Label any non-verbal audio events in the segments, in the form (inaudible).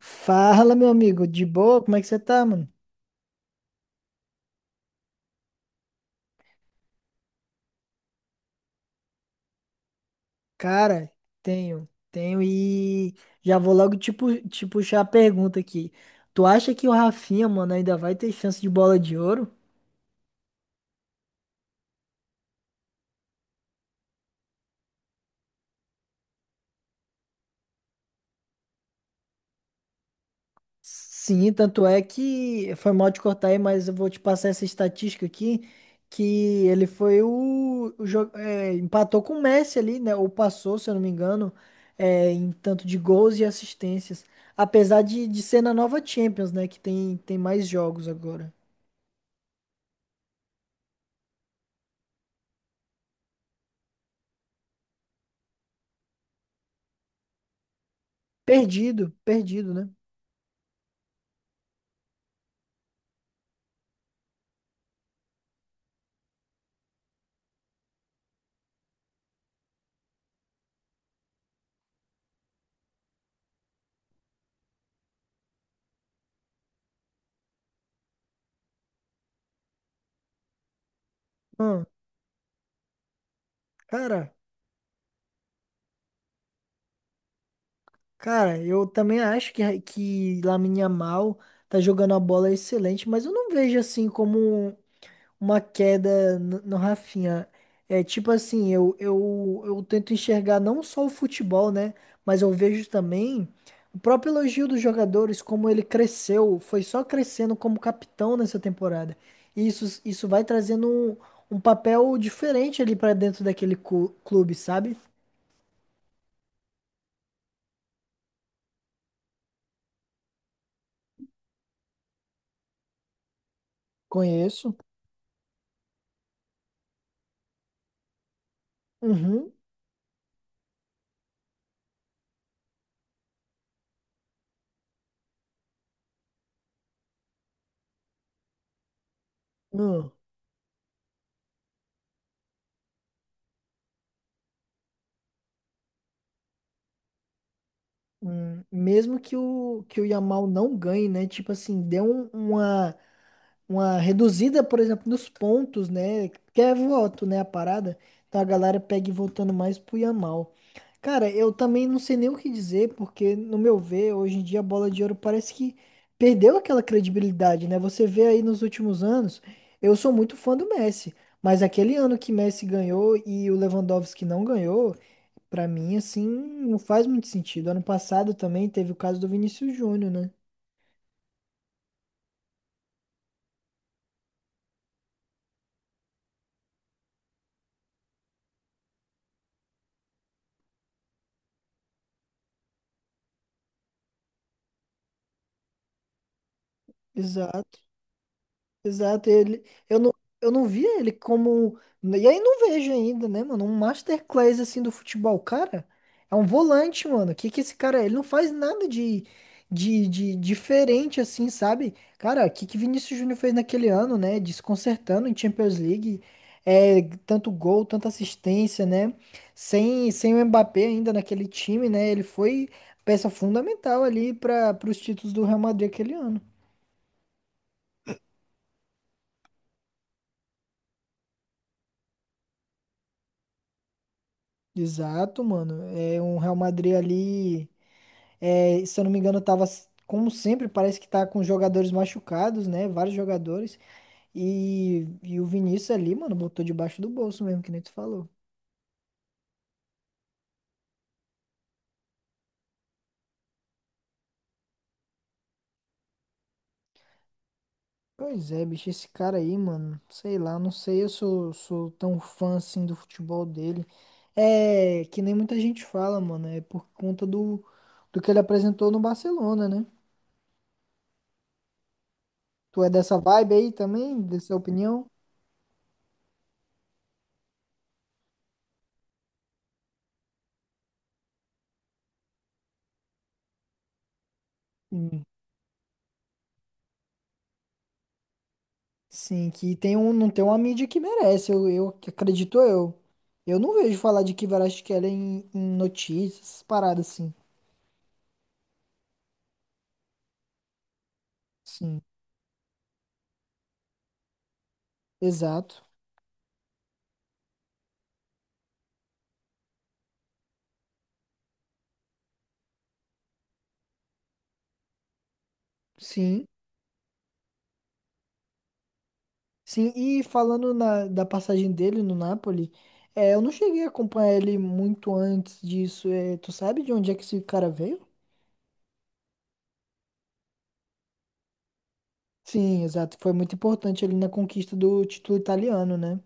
Fala, meu amigo, de boa? Como é que você tá, mano? Cara, tenho e já vou logo te puxar a pergunta aqui. Tu acha que o Rafinha, mano, ainda vai ter chance de bola de ouro? Sim, tanto é que foi mal te cortar aí, mas eu vou te passar essa estatística aqui, que ele foi empatou com o Messi ali, né? Ou passou, se eu não me engano, em tanto de gols e assistências. Apesar de ser na nova Champions, né? Que tem mais jogos agora. Perdido, perdido, né? Hum, cara, cara, eu também acho que Lamine Yamal tá jogando a bola excelente, mas eu não vejo assim como uma queda no Rafinha. É tipo assim, eu tento enxergar não só o futebol, né? Mas eu vejo também o próprio elogio dos jogadores, como ele cresceu, foi só crescendo como capitão nessa temporada. E isso vai trazendo um papel diferente ali pra dentro clube, sabe? Conheço. Uhum. Hum. Hum. Mesmo que o Yamal não ganhe, né? Tipo assim, uma reduzida, por exemplo, nos pontos, né? Que é voto, né? A parada. Então a galera pega e votando mais pro Yamal. Cara, eu também não sei nem o que dizer, porque, no meu ver, hoje em dia a bola de ouro parece que perdeu aquela credibilidade, né? Você vê aí nos últimos anos, eu sou muito fã do Messi, mas aquele ano que Messi ganhou e o Lewandowski não ganhou. Pra mim, assim, não faz muito sentido. Ano passado também teve o caso do Vinícius Júnior, né? Exato. Exato, ele, eu não via ele e aí não vejo ainda, né, mano, um masterclass assim do futebol, cara, é um volante, mano, que esse cara, é? Ele não faz nada de diferente assim, sabe, cara, o que que Vinícius Júnior fez naquele ano, né, desconcertando em Champions League, é, tanto gol, tanta assistência, né, sem o Mbappé ainda naquele time, né, ele foi peça fundamental ali para os títulos do Real Madrid aquele ano. Exato, mano. É um Real Madrid ali, é, se eu não me engano, como sempre, parece que tá com jogadores machucados, né? Vários jogadores. E o Vinícius ali, mano, botou debaixo do bolso mesmo, que nem tu falou. Pois é, bicho, esse cara aí, mano, sei lá, não sei, sou tão fã assim do futebol dele. É, que nem muita gente fala, mano, é por conta do que ele apresentou no Barcelona, né? Tu é dessa vibe aí também, dessa opinião? Hum. Sim, que tem um, não tem uma mídia que merece, eu que acredito eu. Eu não vejo falar de Kivarash Keller em notícias, essas paradas assim. Sim, exato. Sim, sim. E falando da passagem dele no Napoli, é, eu não cheguei a acompanhar ele muito antes disso. É, tu sabe de onde é que esse cara veio? Sim, exato. Foi muito importante ele na conquista do título italiano, né?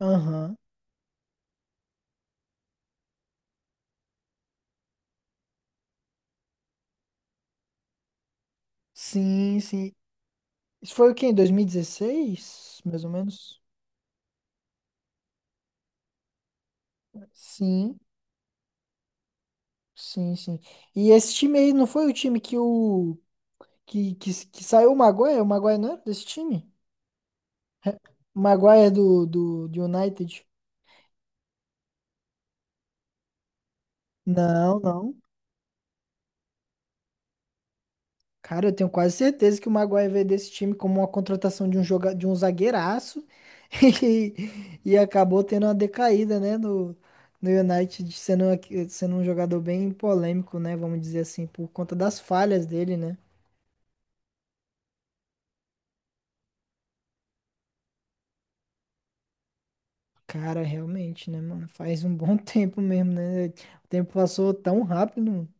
Aham. Sim, sim. Isso foi o quê? Em 2016, mais ou menos? Sim. Sim, sim. E esse time aí não foi o time que saiu o Maguire? O Maguire não era desse time? O Maguire é do United? Não, não. Cara, eu tenho quase certeza que o Maguire veio desse time como uma contratação de um zagueiraço (laughs) e, e acabou tendo uma decaída, né, no, no United, sendo um jogador bem polêmico, né, vamos dizer assim, por conta das falhas dele, né? Cara, realmente, né, mano? Faz um bom (laughs) tempo mesmo, né? O tempo passou tão rápido, mano.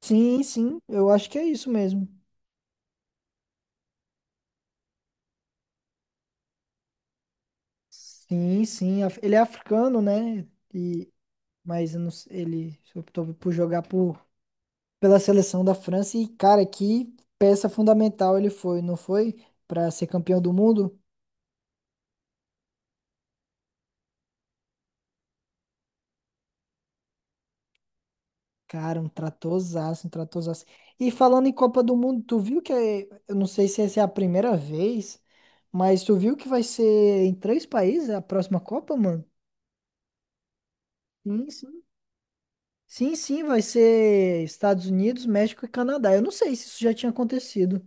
Sim, sim, eu acho que é isso mesmo. Sim, sim. Ele é africano, né? E, mas eu não s- ele optou por jogar pela seleção da França. E, cara, que peça fundamental ele foi, não foi? Pra ser campeão do mundo? Cara, um tratorzaço, um tratorzaço. E falando em Copa do Mundo, tu viu eu não sei se essa é a primeira vez, mas tu viu que vai ser em três países a próxima Copa, mano? Sim, sim. Sim, sim, vai ser Estados Unidos, México e Canadá. Eu não sei se isso já tinha acontecido.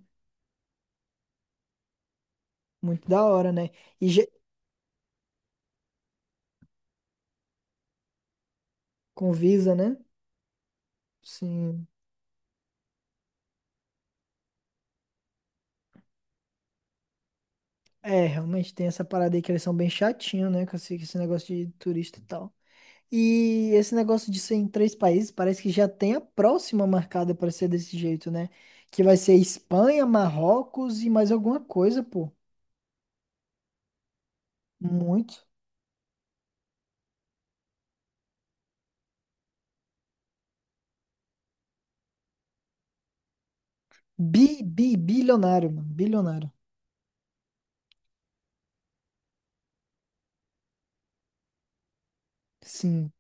Muito da hora, né? E já- com Visa, né? Sim. É, realmente tem essa parada aí que eles são bem chatinhos, né? Com esse negócio de turista e tal. E esse negócio de ser em três países parece que já tem a próxima marcada para ser desse jeito, né? Que vai ser Espanha, Marrocos e mais alguma coisa, pô. Muito. Bilionário, mano. Bilionário. Sim,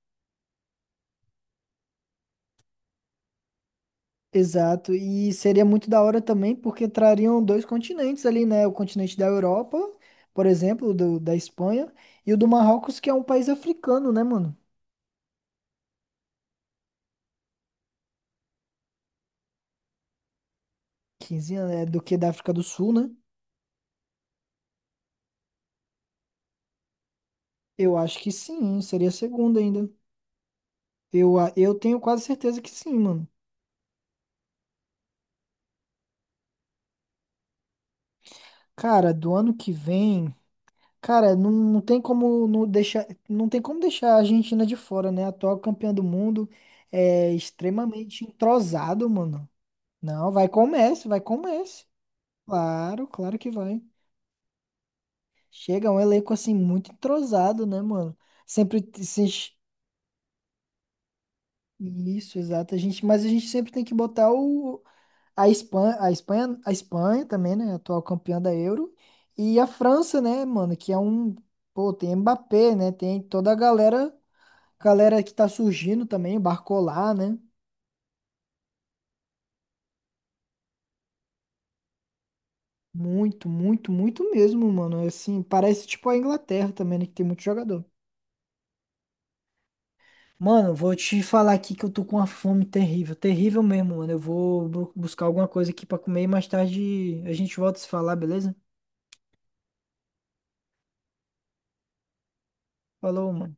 exato. E seria muito da hora também, porque trariam dois continentes ali, né? O continente da Europa, por exemplo, da Espanha, e o do Marrocos, que é um país africano, né, mano? 15 anos, é do que da África do Sul, né? Eu acho que sim, seria a segunda ainda. Eu tenho quase certeza que sim, mano. Cara, do ano que vem, cara, não, não tem como não deixar, não tem como deixar a Argentina de fora, né? A atual campeã do mundo é extremamente entrosado, mano. Não, vai com o Messi, vai com o Messi. Claro, claro que vai. Chega um elenco assim muito entrosado, né, mano? Sempre t- se- enche- isso, exato. Mas a gente sempre tem que botar o. A Espanha, a Espanha, a Espanha também, né? Atual campeã da Euro. E a França, né, mano? Que é um. Pô, tem Mbappé, né? Tem toda a galera, galera que tá surgindo também, Barcola, né? Muito, muito, muito mesmo, mano. Assim, parece tipo a Inglaterra também, né? Que tem muito jogador. Mano, vou te falar aqui que eu tô com uma fome terrível, terrível mesmo, mano. Eu vou buscar alguma coisa aqui pra comer e mais tarde a gente volta a se falar, beleza? Falou, mano.